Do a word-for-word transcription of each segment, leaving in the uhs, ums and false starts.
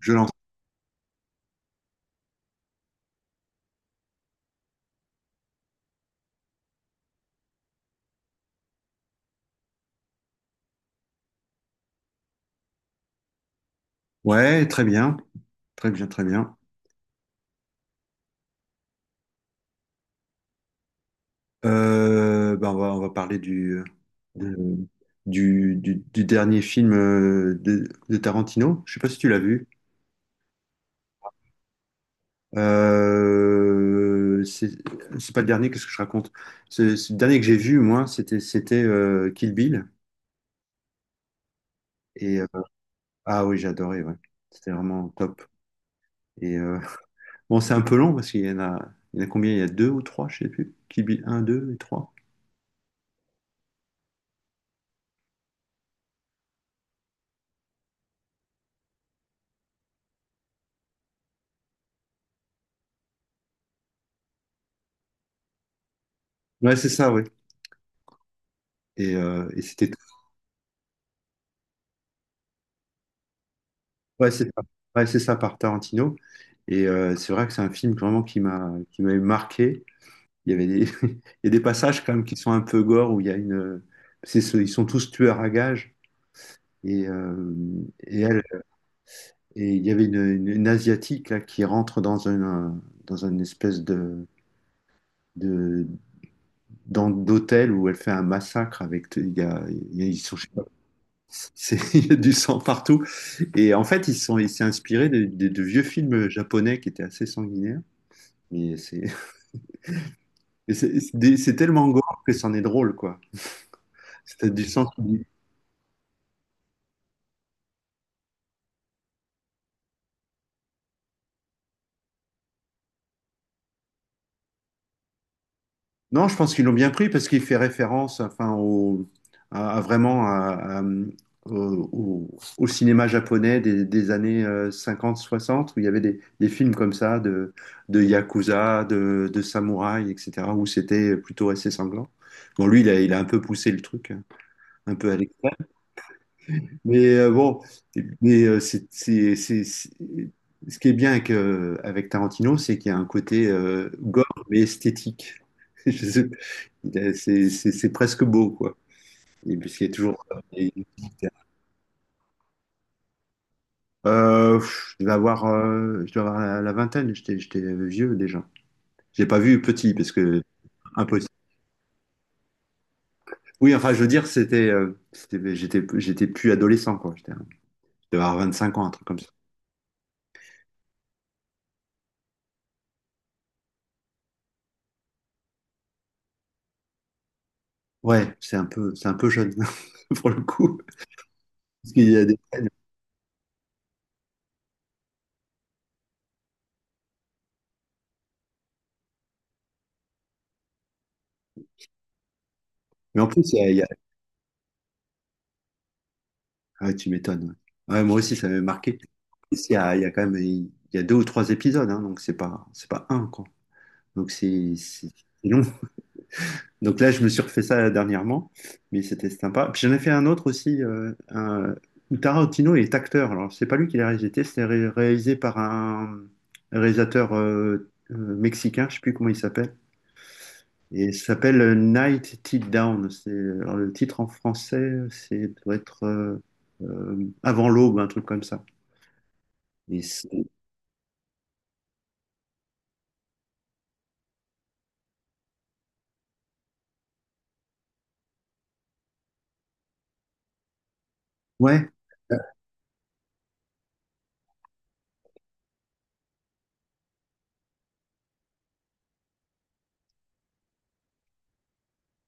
Je lance. Ouais, très bien. Très bien, très bien. Euh, ben on va, on va parler du, de- du, du, du dernier film euh, de, de Tarantino. Je sais pas si tu l'as vu. Euh, c'est c'est pas le dernier, qu'est-ce que je raconte? C'est c'est le dernier que j'ai vu, moi, c'était c'était euh, Kill Bill. Et, euh, ah oui, j'ai adoré, ouais. C'était vraiment top. Et euh, bon, c'est un peu long parce qu'il y en a, il y en a combien? Il y a deux ou trois, je sais plus. Kill Bill un, deux et trois. Ouais, c'est ça, oui. Et, euh, et c'était ouais, c'est ça. Ouais, c'est ça par Tarantino. Et euh, c'est vrai que c'est un film vraiment qui m'a qui m'a marqué. Il y avait des, il y a des passages quand même qui sont un peu gore où il y a une c'est ce- ils sont tous tueurs à gages et euh, et elle et il y avait une, une- une asiatique là qui rentre dans un dans une espèce de de dans- d'hôtel où elle fait un massacre avec il y a, il y a- ils sont je sais pas, c'est il y a du sang partout et en fait ils sont il s'est inspiré de, de de vieux films japonais qui étaient assez sanguinaires. Mais c'est c'est- c'est des- c'est tellement gore que c'en est drôle, quoi. C'est du sens. Non, je pense qu'ils l'ont bien pris parce qu'il fait référence, enfin, au, à, à vraiment à- à- au, au- au cinéma japonais des, des années cinquante soixante où il y avait des, des films comme ça de, de yakuza, de, de samouraï, et cetera, où c'était plutôt assez sanglant. Bon, lui, il a, il a un peu poussé le truc, hein, un peu à... Mais euh, bon, mais euh, c'est, c'est, c'est, c'est ce qui est bien avec, euh, avec Tarantino, c'est qu'il y a un côté euh, gore mais esthétique. Je sais pas. Il a- C'est c'est- c'est presque beau, quoi. Et puisqu'il y a toujours. Euh, et- Euh, pff, je devais avoir, euh, je dois avoir la, la vingtaine, j'étais j'étais vieux déjà. J'ai pas vu petit parce que impossible. Oui, enfin, je veux dire, c'était, euh, c'était- j'étais, j'étais plus adolescent, quoi. J'étais, je devais avoir vingt-cinq ans, un truc comme ça. Ouais, c'est un peu, c'est un peu jeune pour le coup. Parce qu'il y a des... Mais en plus, il y a... il y a- Ah, tu m'étonnes. Ouais. Ouais, moi aussi, ça m'avait marqué. En plus, il y a, il y a quand même il y a deux ou trois épisodes, hein, donc c'est pas, c'est pas un, quoi. Donc c'est c'est- c'est long. Donc là, je me suis refait ça dernièrement, mais c'était sympa. Puis j'en ai fait un autre aussi, euh, un- où Tarantino est acteur. Alors, c'est pas lui qui l'a réalisé, c'est ré- réalisé par un réalisateur euh, euh, mexicain, je sais plus comment il s'appelle. Et ça s'appelle euh, Night Till Down. C'est, euh, alors, le titre en français, c'est doit être euh, euh, Avant l'aube, un truc comme ça. Et c'est- ouais,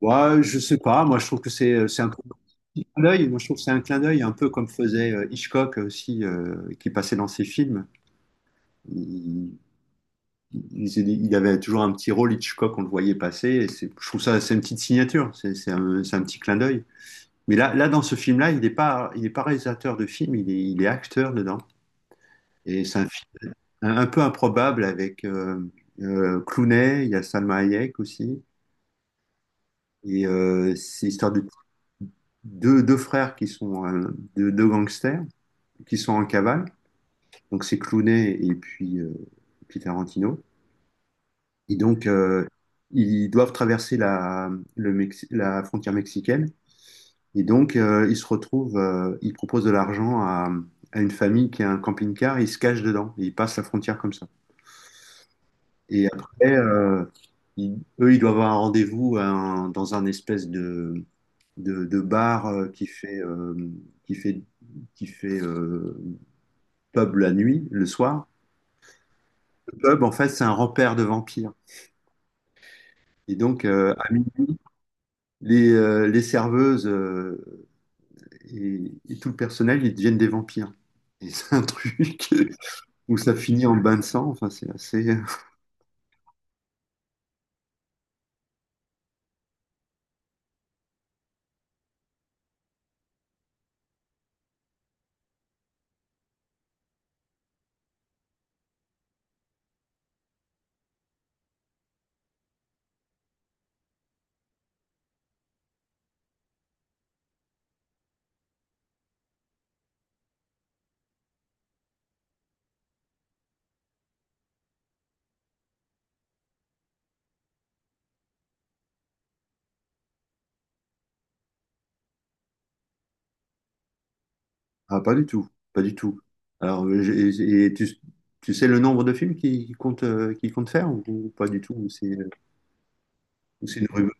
ouais, je sais pas. Moi, je trouve que c'est euh, c'est un peu un petit clin d'œil. Moi, je trouve que c'est un clin d'œil, un peu comme faisait euh, Hitchcock aussi, euh, qui passait dans ses films. Il, il- il avait toujours un petit rôle Hitchcock, on le voyait passer. Et c'est- je trouve ça, c'est une petite signature. C'est c'est un, c'est un petit clin d'œil. Mais là, là, dans ce film-là, il n'est pas, il est pas réalisateur de film, il est, il est acteur dedans. Et c'est un film un peu improbable avec euh, euh, Clooney, il y a Salma Hayek aussi. Et euh, c'est l'histoire de deux, deux frères qui sont euh, deux, deux gangsters qui sont en cavale. Donc c'est Clooney et puis, euh, et puis Tarantino. Et donc euh, ils doivent traverser la, le Mex- la frontière mexicaine. Et donc euh, ils se retrouvent, euh, ils proposent de l'argent à, à une famille qui a un camping-car, ils se cachent dedans et ils passent la frontière comme ça. Et après, euh, ils- eux, ils doivent avoir un rendez-vous à un- dans un espèce de, de, de bar euh, qui fait, euh, qui fait, qui fait euh, pub la nuit, le soir. Le pub, en fait, c'est un repère de vampires. Et donc, euh, à minuit, les, euh, les serveuses euh, et, et tout le personnel, ils deviennent des vampires. Et c'est un truc où ça finit en bain de sang. Enfin, c'est assez. Ah, pas du tout, pas du tout. Alors, euh, j'ai- et tu, tu sais le nombre de films qu'il compte, euh, qu'il compte faire ou, ou pas du tout? Ou C'est euh, ou c'est une rumeur.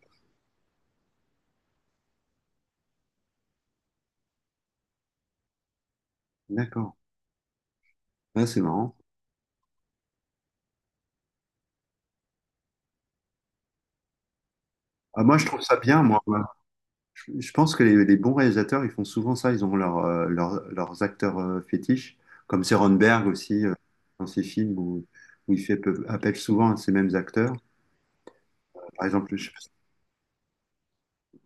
D'accord. Ah, c'est marrant. Ah, moi, je trouve ça bien, moi. Moi. Je, je pense que les, les bons réalisateurs, ils font souvent ça. Ils ont leur, euh, leur- leurs acteurs euh, fétiches, comme Berg aussi, euh, dans ses films où, où il fait peu- appelle souvent à ces mêmes acteurs. Par exemple, je sais pas si...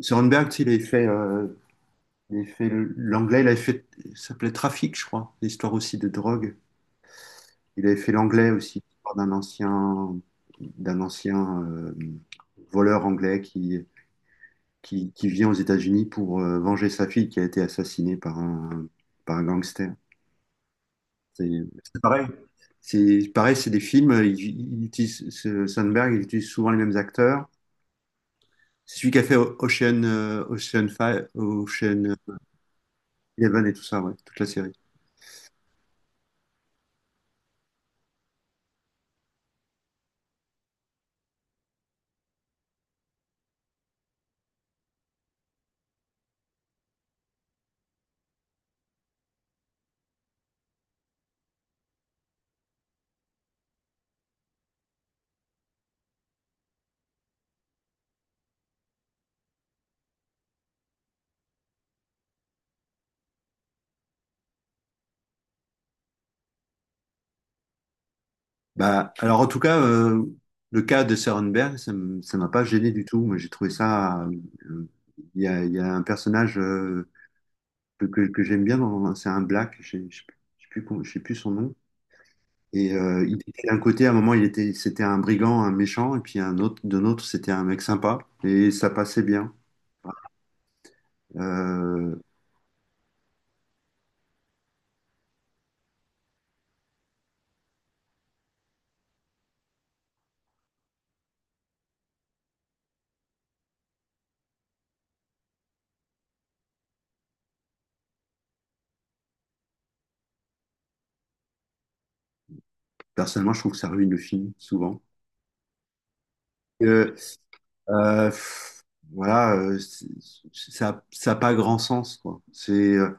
Soderbergh, tu sais, il avait fait, euh, il avait fait l'anglais, il avait fait, ça s'appelait Trafic, je crois, l'histoire aussi de drogue. Il avait fait l'anglais aussi, l'histoire d'un ancien, d'un ancien euh, voleur anglais qui, qui, qui vient aux États-Unis pour euh, venger sa fille qui a été assassinée par un, par un gangster. C'est c'est pareil. C'est pareil, c'est des films. Il, il utilise, ce- Sandberg, il utilise souvent les mêmes acteurs. C'est celui qui a fait Ocean, euh, Ocean Five, Ocean Eleven et tout ça, ouais, toute la série. Bah, alors en tout cas, euh, le cas de Sorenberg, ça m- ça m'a pas gêné du tout. Moi, j'ai trouvé ça. Euh, Il y a, il y a un personnage euh, que, que, que j'aime bien, dans- c'est un black, je ne sais plus je sais plus comment- je sais plus son nom. Et euh, il était d'un côté, à un moment, il était, c'était un brigand, un méchant, et puis un autre, d'un autre, c'était un mec sympa, et ça passait bien. Euh, personnellement, je trouve que ça ruine le film souvent. Euh, euh, pff, voilà, euh, c'est- c'est- ça, ça n'a pas grand sens, quoi. C'est euh,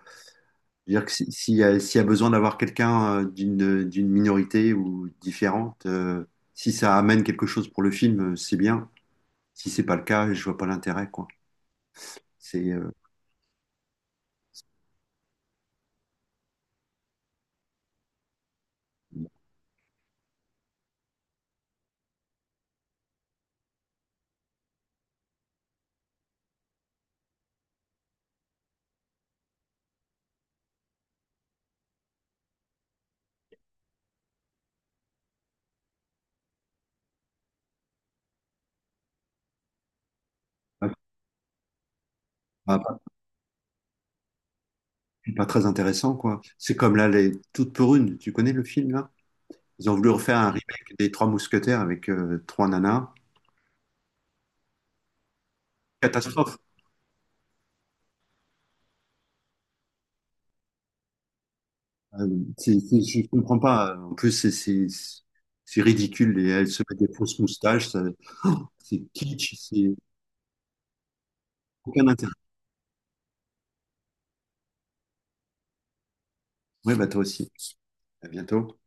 C'est-à-dire que si- s'il y a, s'il y a besoin d'avoir quelqu'un euh, d'une d'une minorité ou différente, euh, si ça amène quelque chose pour le film, euh, c'est bien. Si c'est pas le cas, je vois pas l'intérêt, quoi. C'est euh, pas, pas- pas très intéressant, quoi. C'est comme là, les Toutes pour une. Tu connais le film, là? Ils ont voulu refaire un remake des Trois Mousquetaires avec euh, trois nanas. Catastrophe. Euh, c'est- c'est- je ne comprends pas. En plus, c'est c'est- c'est ridicule. Et elles se mettent des fausses moustaches. Ça- oh, c'est kitsch. C'est aucun intérêt. Oui, bah toi aussi. À bientôt.